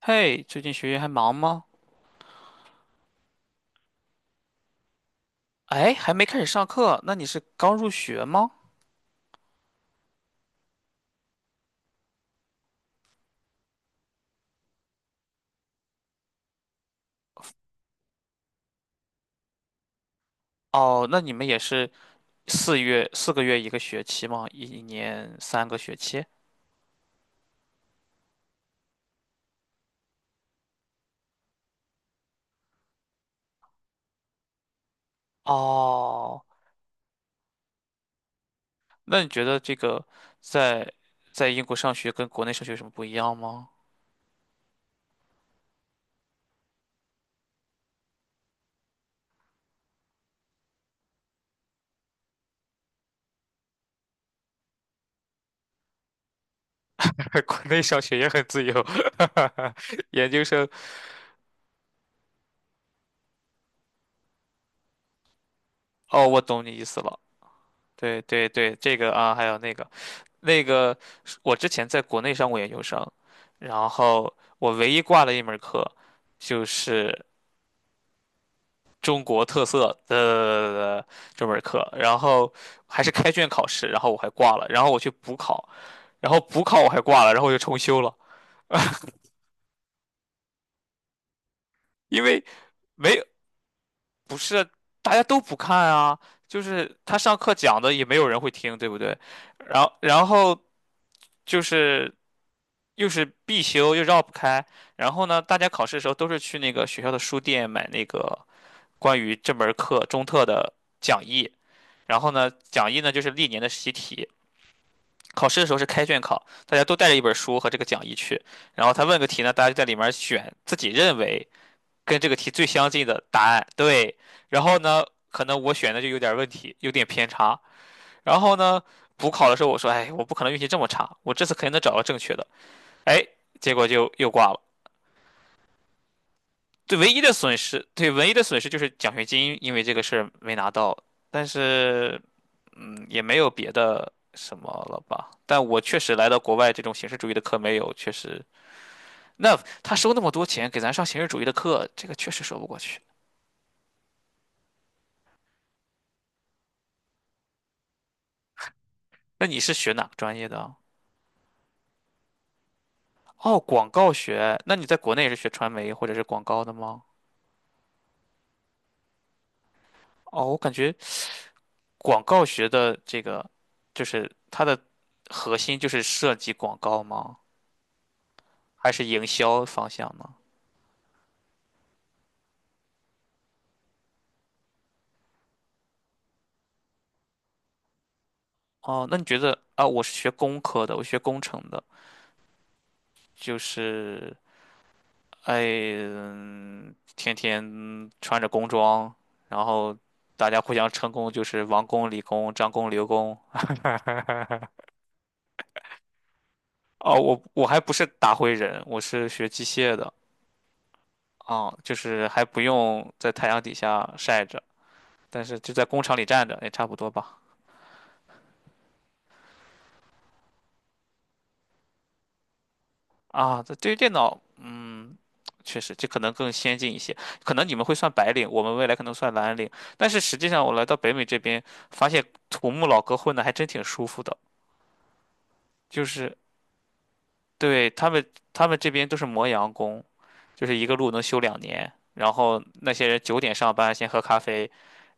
嘿，最近学业还忙吗？哎，还没开始上课，那你是刚入学吗？哦，那你们也是4个月一个学期吗？一年3个学期？哦，那你觉得这个在在英国上学跟国内上学有什么不一样吗？国内上学也很自由，研究生哦，我懂你意思了。对对对，这个啊，还有那个。那个我之前在国内上过研究生，然后我唯一挂的一门课就是中国特色的这门课，然后还是开卷考试，然后我还挂了，然后我去补考，然后补考我还挂了，然后我就重修了，因为没有。不是大家都不看啊，就是他上课讲的也没有人会听，对不对？然后就是又是必修又绕不开，然后呢，大家考试的时候都是去那个学校的书店买那个关于这门课中特的讲义，然后呢，讲义呢就是历年的习题。考试的时候是开卷考，大家都带着一本书和这个讲义去，然后他问个题呢，大家就在里面选自己认为跟这个题最相近的答案，对。然后呢，可能我选的就有点问题，有点偏差。然后呢，补考的时候我说，哎，我不可能运气这么差，我这次肯定能找到正确的。哎，结果就又挂了。对，唯一的损失，对，唯一的损失就是奖学金，因为这个事儿没拿到。但是，嗯，也没有别的什么了吧？但我确实来到国外，这种形式主义的课没有，确实，那他收那么多钱给咱上形式主义的课，这个确实说不过去。那你是学哪个专业的啊？哦，广告学，那你在国内也是学传媒或者是广告的吗？哦，我感觉广告学的这个，就是它的核心就是设计广告吗？还是营销方向呢？哦，那你觉得啊，我是学工科的，我学工程的，就是哎，嗯天天穿着工装，然后大家互相称工，就是王工、李工、张工、刘工。哦，我还不是打灰人，我是学机械的。啊，就是还不用在太阳底下晒着，但是就在工厂里站着也差不多吧。啊，这对于电脑，嗯，确实这可能更先进一些，可能你们会算白领，我们未来可能算蓝领。但是实际上，我来到北美这边，发现土木老哥混的还真挺舒服的，就是对他们，他们这边都是磨洋工，就是一个路能修2年。然后那些人9点上班，先喝咖啡，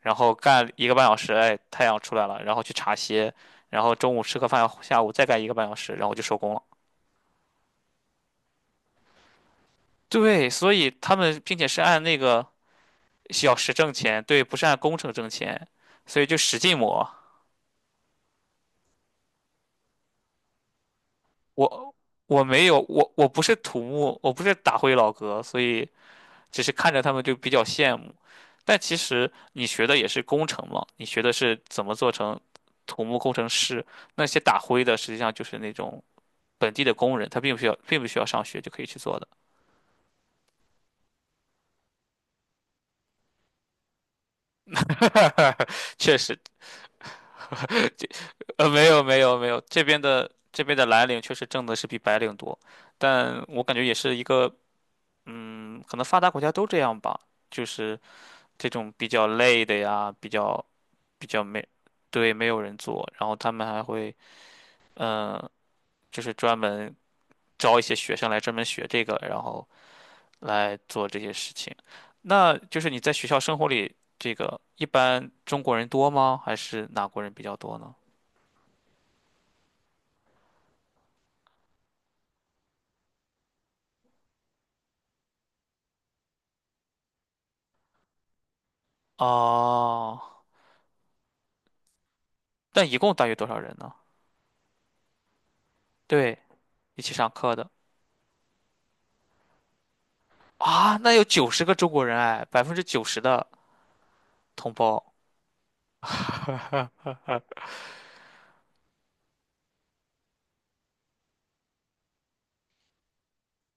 然后干一个半小时，哎，太阳出来了，然后去茶歇，然后中午吃个饭，下午再干一个半小时，然后就收工了。对，所以他们并且是按那个小时挣钱，对，不是按工程挣钱，所以就使劲磨。我我没有，我不是土木，我不是打灰老哥，所以只是看着他们就比较羡慕。但其实你学的也是工程嘛，你学的是怎么做成土木工程师，那些打灰的实际上就是那种本地的工人，他并不需要，并不需要上学就可以去做的。确实，没有没有没有，这边的蓝领确实挣的是比白领多，但我感觉也是一个，嗯，可能发达国家都这样吧，就是这种比较累的呀，比较没，对，没有人做，然后他们还会，嗯、就是专门招一些学生来专门学这个，然后来做这些事情。那就是你在学校生活里，这个一般中国人多吗？还是哪国人比较多呢？哦，但一共大约多少人呢？对，一起上课的啊，那有90个中国人哎，90%的同胞。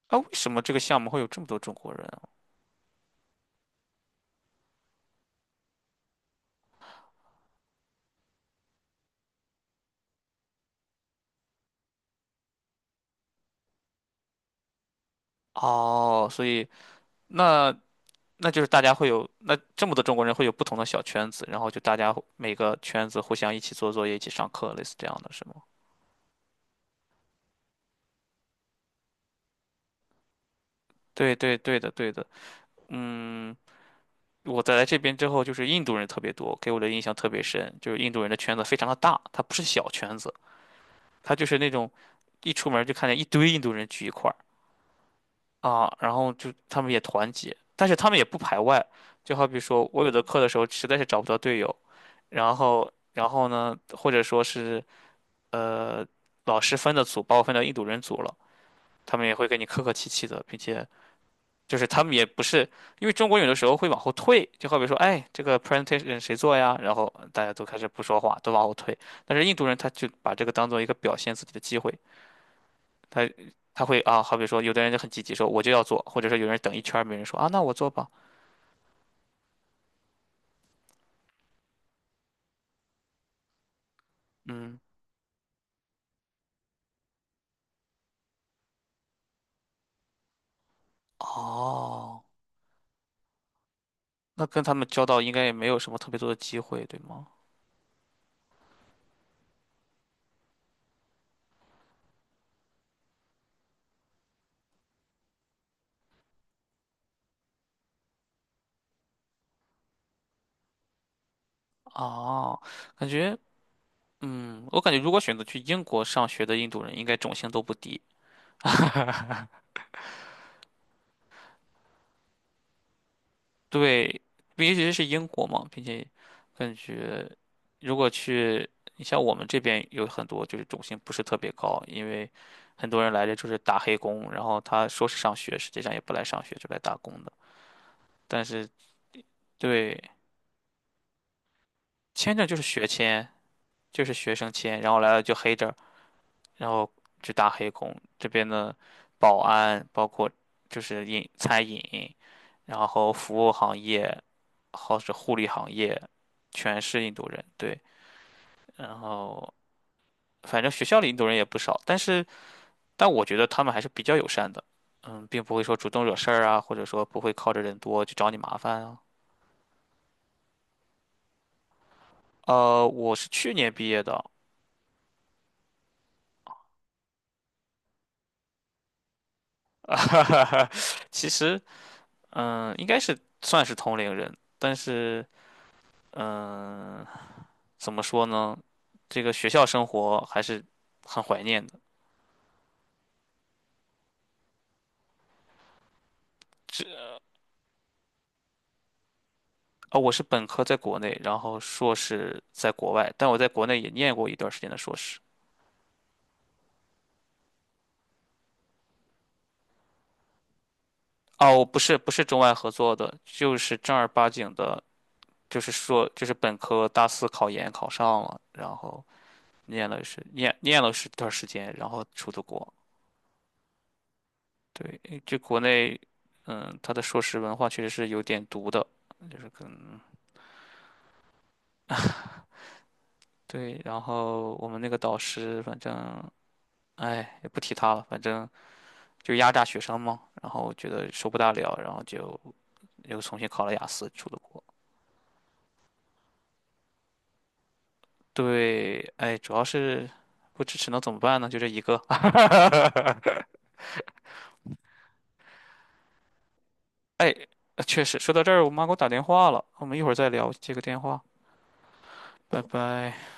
啊，为什么这个项目会有这么多中国人啊哦，所以那那就是大家会有，那这么多中国人会有不同的小圈子，然后就大家互每个圈子互相一起做作业、一起上课，类似这样的是吗？对对对的对的，嗯，我在来这边之后，就是印度人特别多，给我的印象特别深，就是印度人的圈子非常的大，它不是小圈子，它就是那种一出门就看见一堆印度人聚一块儿啊，然后就他们也团结，但是他们也不排外，就好比说我有的课的时候实在是找不到队友，然后呢，或者说是。呃，老师分的组把我分到印度人组了，他们也会跟你客客气气的，并且就是他们也不是，因为中国有的时候会往后退，就好比说，哎，这个 presentation 谁做呀？然后大家都开始不说话，都往后退。但是印度人他就把这个当做一个表现自己的机会，他他会啊，好比说有的人就很积极说我就要做，或者说有人等一圈儿没人说啊，那我做吧，嗯，哦，那跟他们交道应该也没有什么特别多的机会，对吗？哦，感觉。嗯，我感觉如果选择去英国上学的印度人，应该种姓都不低。对，毕竟是英国嘛，并且感觉如果去，你像我们这边有很多就是种姓不是特别高，因为很多人来这就是打黑工，然后他说是上学，实际上也不来上学，就来打工的。但是对，签证就是学签，就是学生签，然后来了就黑着，然后去打黑工。这边的保安，包括就是饮餐饮，然后服务行业，或者护理行业，全是印度人。对，然后反正学校里印度人也不少，但是但我觉得他们还是比较友善的，嗯，并不会说主动惹事儿啊，或者说不会靠着人多去找你麻烦啊。我是去年毕业的，其实嗯，应该是算是同龄人，但是嗯。怎么说呢？这个学校生活还是很怀念的。这啊，我是本科在国内，然后硕士在国外，但我在国内也念过一段时间的硕士。哦，不是，不是中外合作的，就是正儿八经的，就是说，就是本科大四考研考上了，然后念了是一段时间，然后出的国。对，就国内，嗯，他的硕士文化确实是有点毒的，就是跟。对，然后我们那个导师，反正哎，也不提他了，反正就压榨学生嘛。然后觉得受不大了，然后就又重新考了雅思，出了国。对，哎，主要是不支持能怎么办呢？就这一个。确实，说到这儿，我妈给我打电话了，我们一会儿再聊接个电话，拜拜。